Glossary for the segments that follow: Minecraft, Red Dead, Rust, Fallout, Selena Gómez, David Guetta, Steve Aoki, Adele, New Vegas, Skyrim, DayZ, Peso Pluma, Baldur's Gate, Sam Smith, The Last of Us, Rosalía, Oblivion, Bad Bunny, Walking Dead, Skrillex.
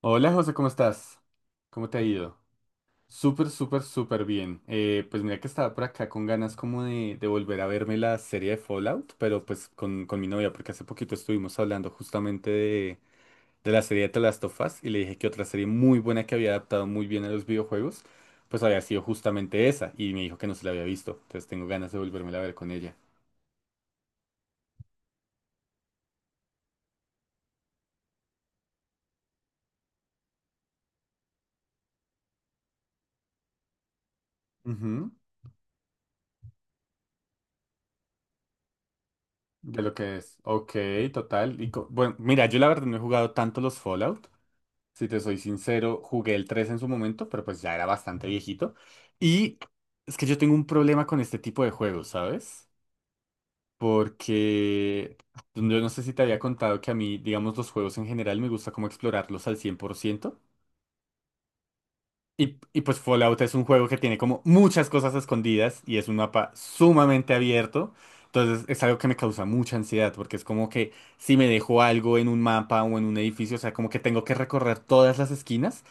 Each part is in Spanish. Hola José, ¿cómo estás? ¿Cómo te ha ido? Súper bien. Pues mira que estaba por acá con ganas como de volver a verme la serie de Fallout, pero pues con mi novia, porque hace poquito estuvimos hablando justamente de la serie de The Last of Us y le dije que otra serie muy buena que había adaptado muy bien a los videojuegos, pues había sido justamente esa y me dijo que no se la había visto, entonces tengo ganas de volvérmela a ver con ella. Ujú. De lo que es. Ok, total. Y bueno, mira, yo la verdad no he jugado tanto los Fallout. Si te soy sincero, jugué el 3 en su momento, pero pues ya era bastante viejito. Y es que yo tengo un problema con este tipo de juegos, ¿sabes? Porque yo no sé si te había contado que a mí, digamos, los juegos en general me gusta como explorarlos al 100%. Y pues Fallout es un juego que tiene como muchas cosas escondidas y es un mapa sumamente abierto. Entonces es algo que me causa mucha ansiedad porque es como que si me dejo algo en un mapa o en un edificio, o sea, como que tengo que recorrer todas las esquinas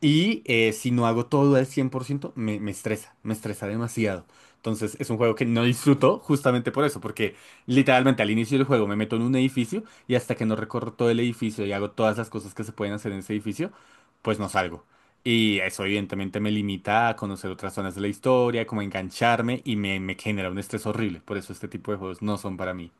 y si no hago todo al 100% me estresa demasiado. Entonces es un juego que no disfruto justamente por eso, porque literalmente al inicio del juego me meto en un edificio y hasta que no recorro todo el edificio y hago todas las cosas que se pueden hacer en ese edificio, pues no salgo. Y eso evidentemente me limita a conocer otras zonas de la historia, como a engancharme y me genera un estrés horrible. Por eso este tipo de juegos no son para mí.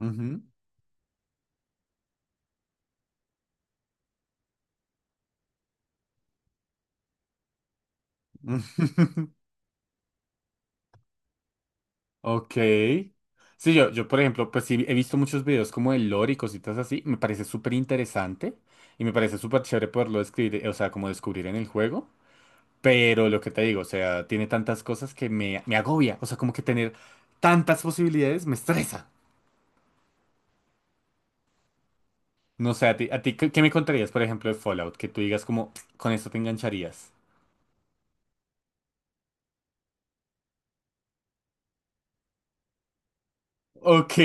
Ujú. Ok. Sí, por ejemplo, pues sí, he visto muchos videos como el lore y cositas así. Me parece súper interesante y me parece súper chévere poderlo describir, o sea, como descubrir en el juego. Pero lo que te digo, o sea, tiene tantas cosas que me agobia. O sea, como que tener tantas posibilidades me estresa. No sé, a ti, ¿qué, qué me contarías, por ejemplo, de Fallout? Que tú digas como, con esto te engancharías. Ok.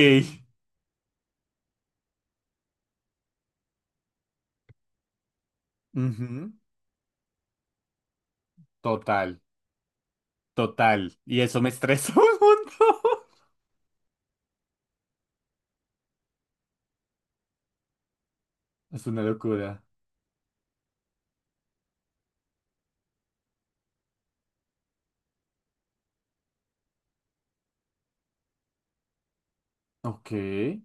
Ujú. Total, total. Y eso me estresa un montón. Es una locura. Ok. Oye,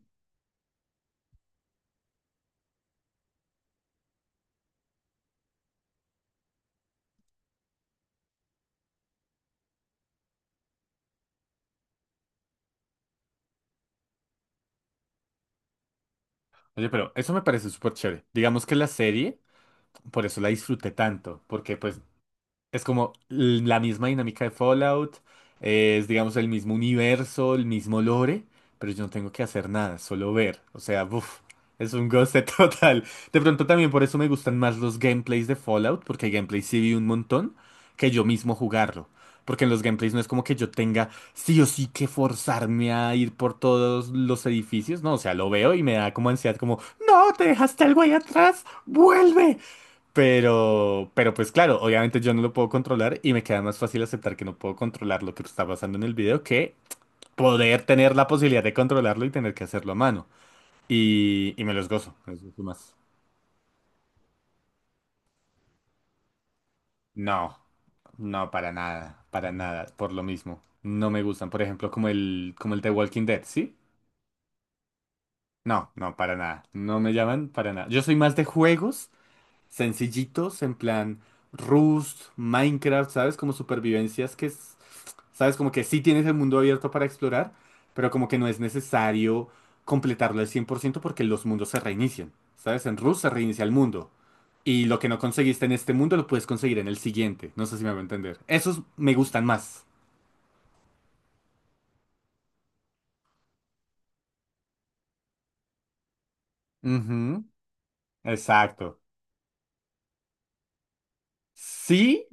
pero eso me parece súper chévere. Digamos que la serie, por eso la disfruté tanto, porque pues es como la misma dinámica de Fallout, es digamos el mismo universo, el mismo lore, pero yo no tengo que hacer nada, solo ver. O sea, buf, es un goce total. De pronto también por eso me gustan más los gameplays de Fallout, porque hay gameplays sí vi un montón, que yo mismo jugarlo. Porque en los gameplays no es como que yo tenga sí o sí que forzarme a ir por todos los edificios, no, o sea, lo veo y me da como ansiedad, como, no, te dejaste al güey atrás, vuelve. Pero pues claro, obviamente yo no lo puedo controlar y me queda más fácil aceptar que no puedo controlar lo que está pasando en el video que poder tener la posibilidad de controlarlo y tener que hacerlo a mano. Y me los gozo más. No, no, para nada, por lo mismo. No me gustan, por ejemplo, como como el de Walking Dead, ¿sí? No, no, para nada. No me llaman para nada. Yo soy más de juegos sencillitos, en plan Rust, Minecraft, ¿sabes? Como supervivencias que, ¿sabes? Como que sí tienes el mundo abierto para explorar, pero como que no es necesario completarlo al 100% porque los mundos se reinician, ¿sabes? En Rust se reinicia el mundo. Y lo que no conseguiste en este mundo lo puedes conseguir en el siguiente. No sé si me va a entender. Esos me gustan más. Ujú. Exacto. Sí,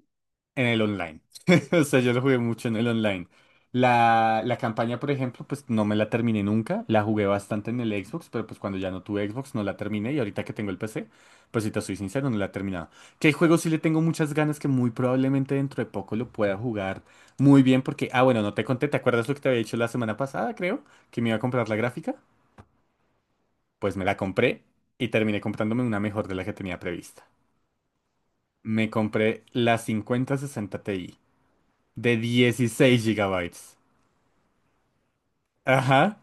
en el online. O sea, yo lo jugué mucho en el online. La campaña, por ejemplo, pues no me la terminé nunca. La jugué bastante en el Xbox, pero pues cuando ya no tuve Xbox no la terminé. Y ahorita que tengo el PC, pues si te soy sincero, no la he terminado. Que hay juegos sí le tengo muchas ganas que muy probablemente dentro de poco lo pueda jugar muy bien. Porque, ah, bueno, no te conté, ¿te acuerdas lo que te había dicho la semana pasada, creo? Que me iba a comprar la gráfica. Pues me la compré y terminé comprándome una mejor de la que tenía prevista. Me compré la 5060 Ti. De 16 gigabytes. Ajá.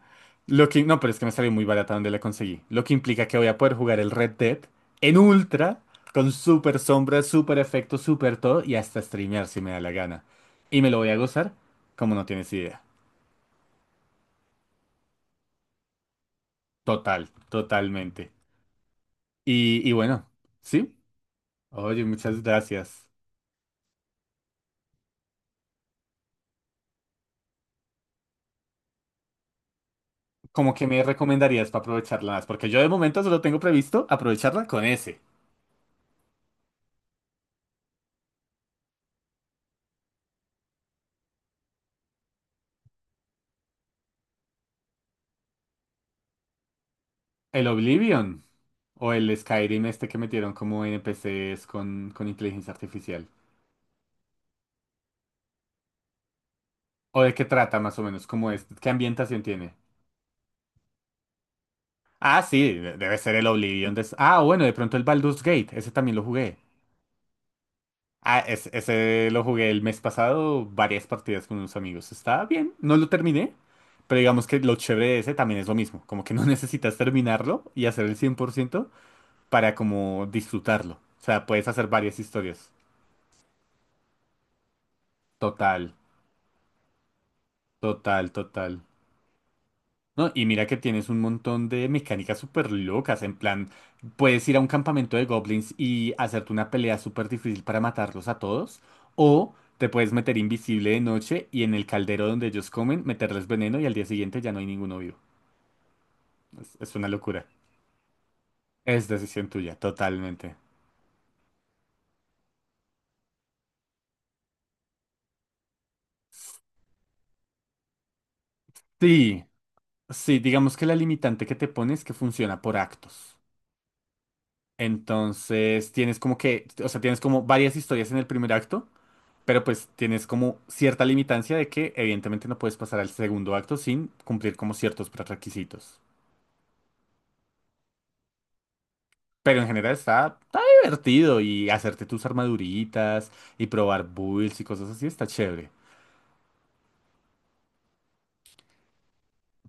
Lo que... No, pero es que me salió muy barata donde la conseguí. Lo que implica que voy a poder jugar el Red Dead en ultra, con super sombra, super efecto, super todo, y hasta streamear si me da la gana. Y me lo voy a gozar como no tienes idea. Total, totalmente. Y bueno, ¿sí? Oye, muchas gracias. ¿Cómo que me recomendarías para aprovecharla más? Porque yo de momento solo tengo previsto aprovecharla con ese. ¿El Oblivion? ¿O el Skyrim este que metieron como NPCs con inteligencia artificial? ¿O de qué trata más o menos? ¿Cómo es? ¿Qué ambientación tiene? Ah, sí, debe ser el Oblivion. Ah, bueno, de pronto el Baldur's Gate, ese también lo jugué. Ah, ese lo jugué el mes pasado, varias partidas con unos amigos. Está bien, no lo terminé, pero digamos que lo chévere de ese también es lo mismo, como que no necesitas terminarlo y hacer el cien por ciento para como disfrutarlo. O sea, puedes hacer varias historias. Total. Total, total. No, y mira que tienes un montón de mecánicas súper locas. En plan, puedes ir a un campamento de goblins y hacerte una pelea súper difícil para matarlos a todos. O te puedes meter invisible de noche y en el caldero donde ellos comen, meterles veneno y al día siguiente ya no hay ninguno vivo. Es una locura. Es decisión tuya, totalmente. Sí, sí, digamos que la limitante que te pones que funciona por actos. Entonces, tienes como que, o sea, tienes como varias historias en el primer acto. Pero pues tienes como cierta limitancia de que evidentemente no puedes pasar al segundo acto sin cumplir como ciertos prerequisitos. Pero en general está divertido y hacerte tus armaduritas y probar builds y cosas así está chévere.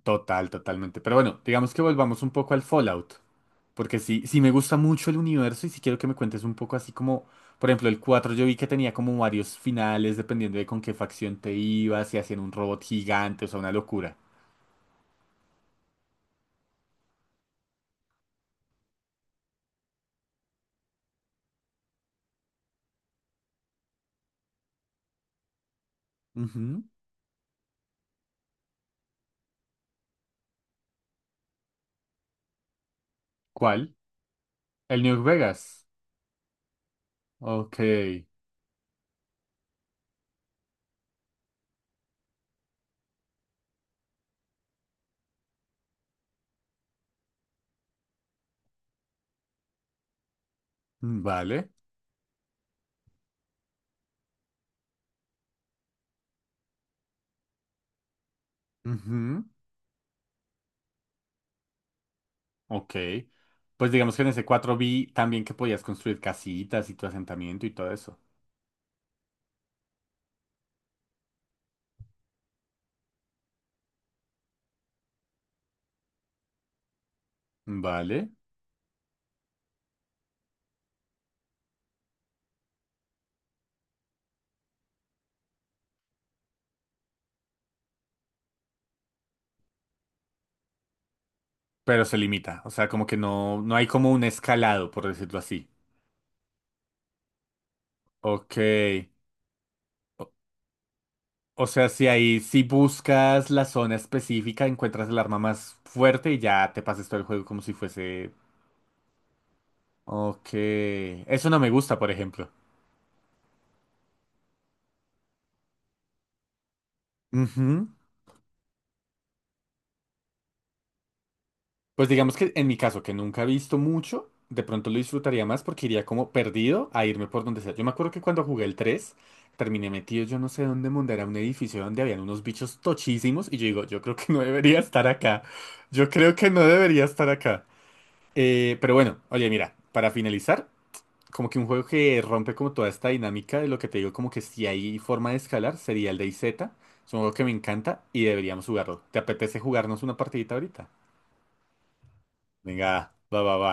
Total, totalmente. Pero bueno, digamos que volvamos un poco al Fallout. Porque sí me gusta mucho el universo y sí quiero que me cuentes un poco así como, por ejemplo, el 4 yo vi que tenía como varios finales dependiendo de con qué facción te ibas, si hacían un robot gigante, o sea, una locura. Ujú. ¿Cuál? El New Vegas. Ok. Vale. Ujú. Ok. Pues digamos que en ese 4 vi también que podías construir casitas y tu asentamiento y todo eso. Vale. Pero se limita. O sea, como que no, no hay como un escalado, por decirlo así. Ok. O, o sea, si ahí, si buscas la zona específica, encuentras el arma más fuerte y ya te pasas todo el juego como si fuese... Ok. Eso no me gusta, por ejemplo. Ujú. Pues digamos que en mi caso, que nunca he visto mucho, de pronto lo disfrutaría más porque iría como perdido a irme por donde sea. Yo me acuerdo que cuando jugué el 3 terminé metido yo no sé dónde monda, era un edificio donde habían unos bichos tochísimos y yo digo, yo creo que no debería estar acá. Yo creo que no debería estar acá. Pero bueno, oye, mira, para finalizar, como que un juego que rompe como toda esta dinámica de lo que te digo, como que si hay forma de escalar, sería el DayZ. Es un juego que me encanta y deberíamos jugarlo. ¿Te apetece jugarnos una partidita ahorita? Venga, va, va, va.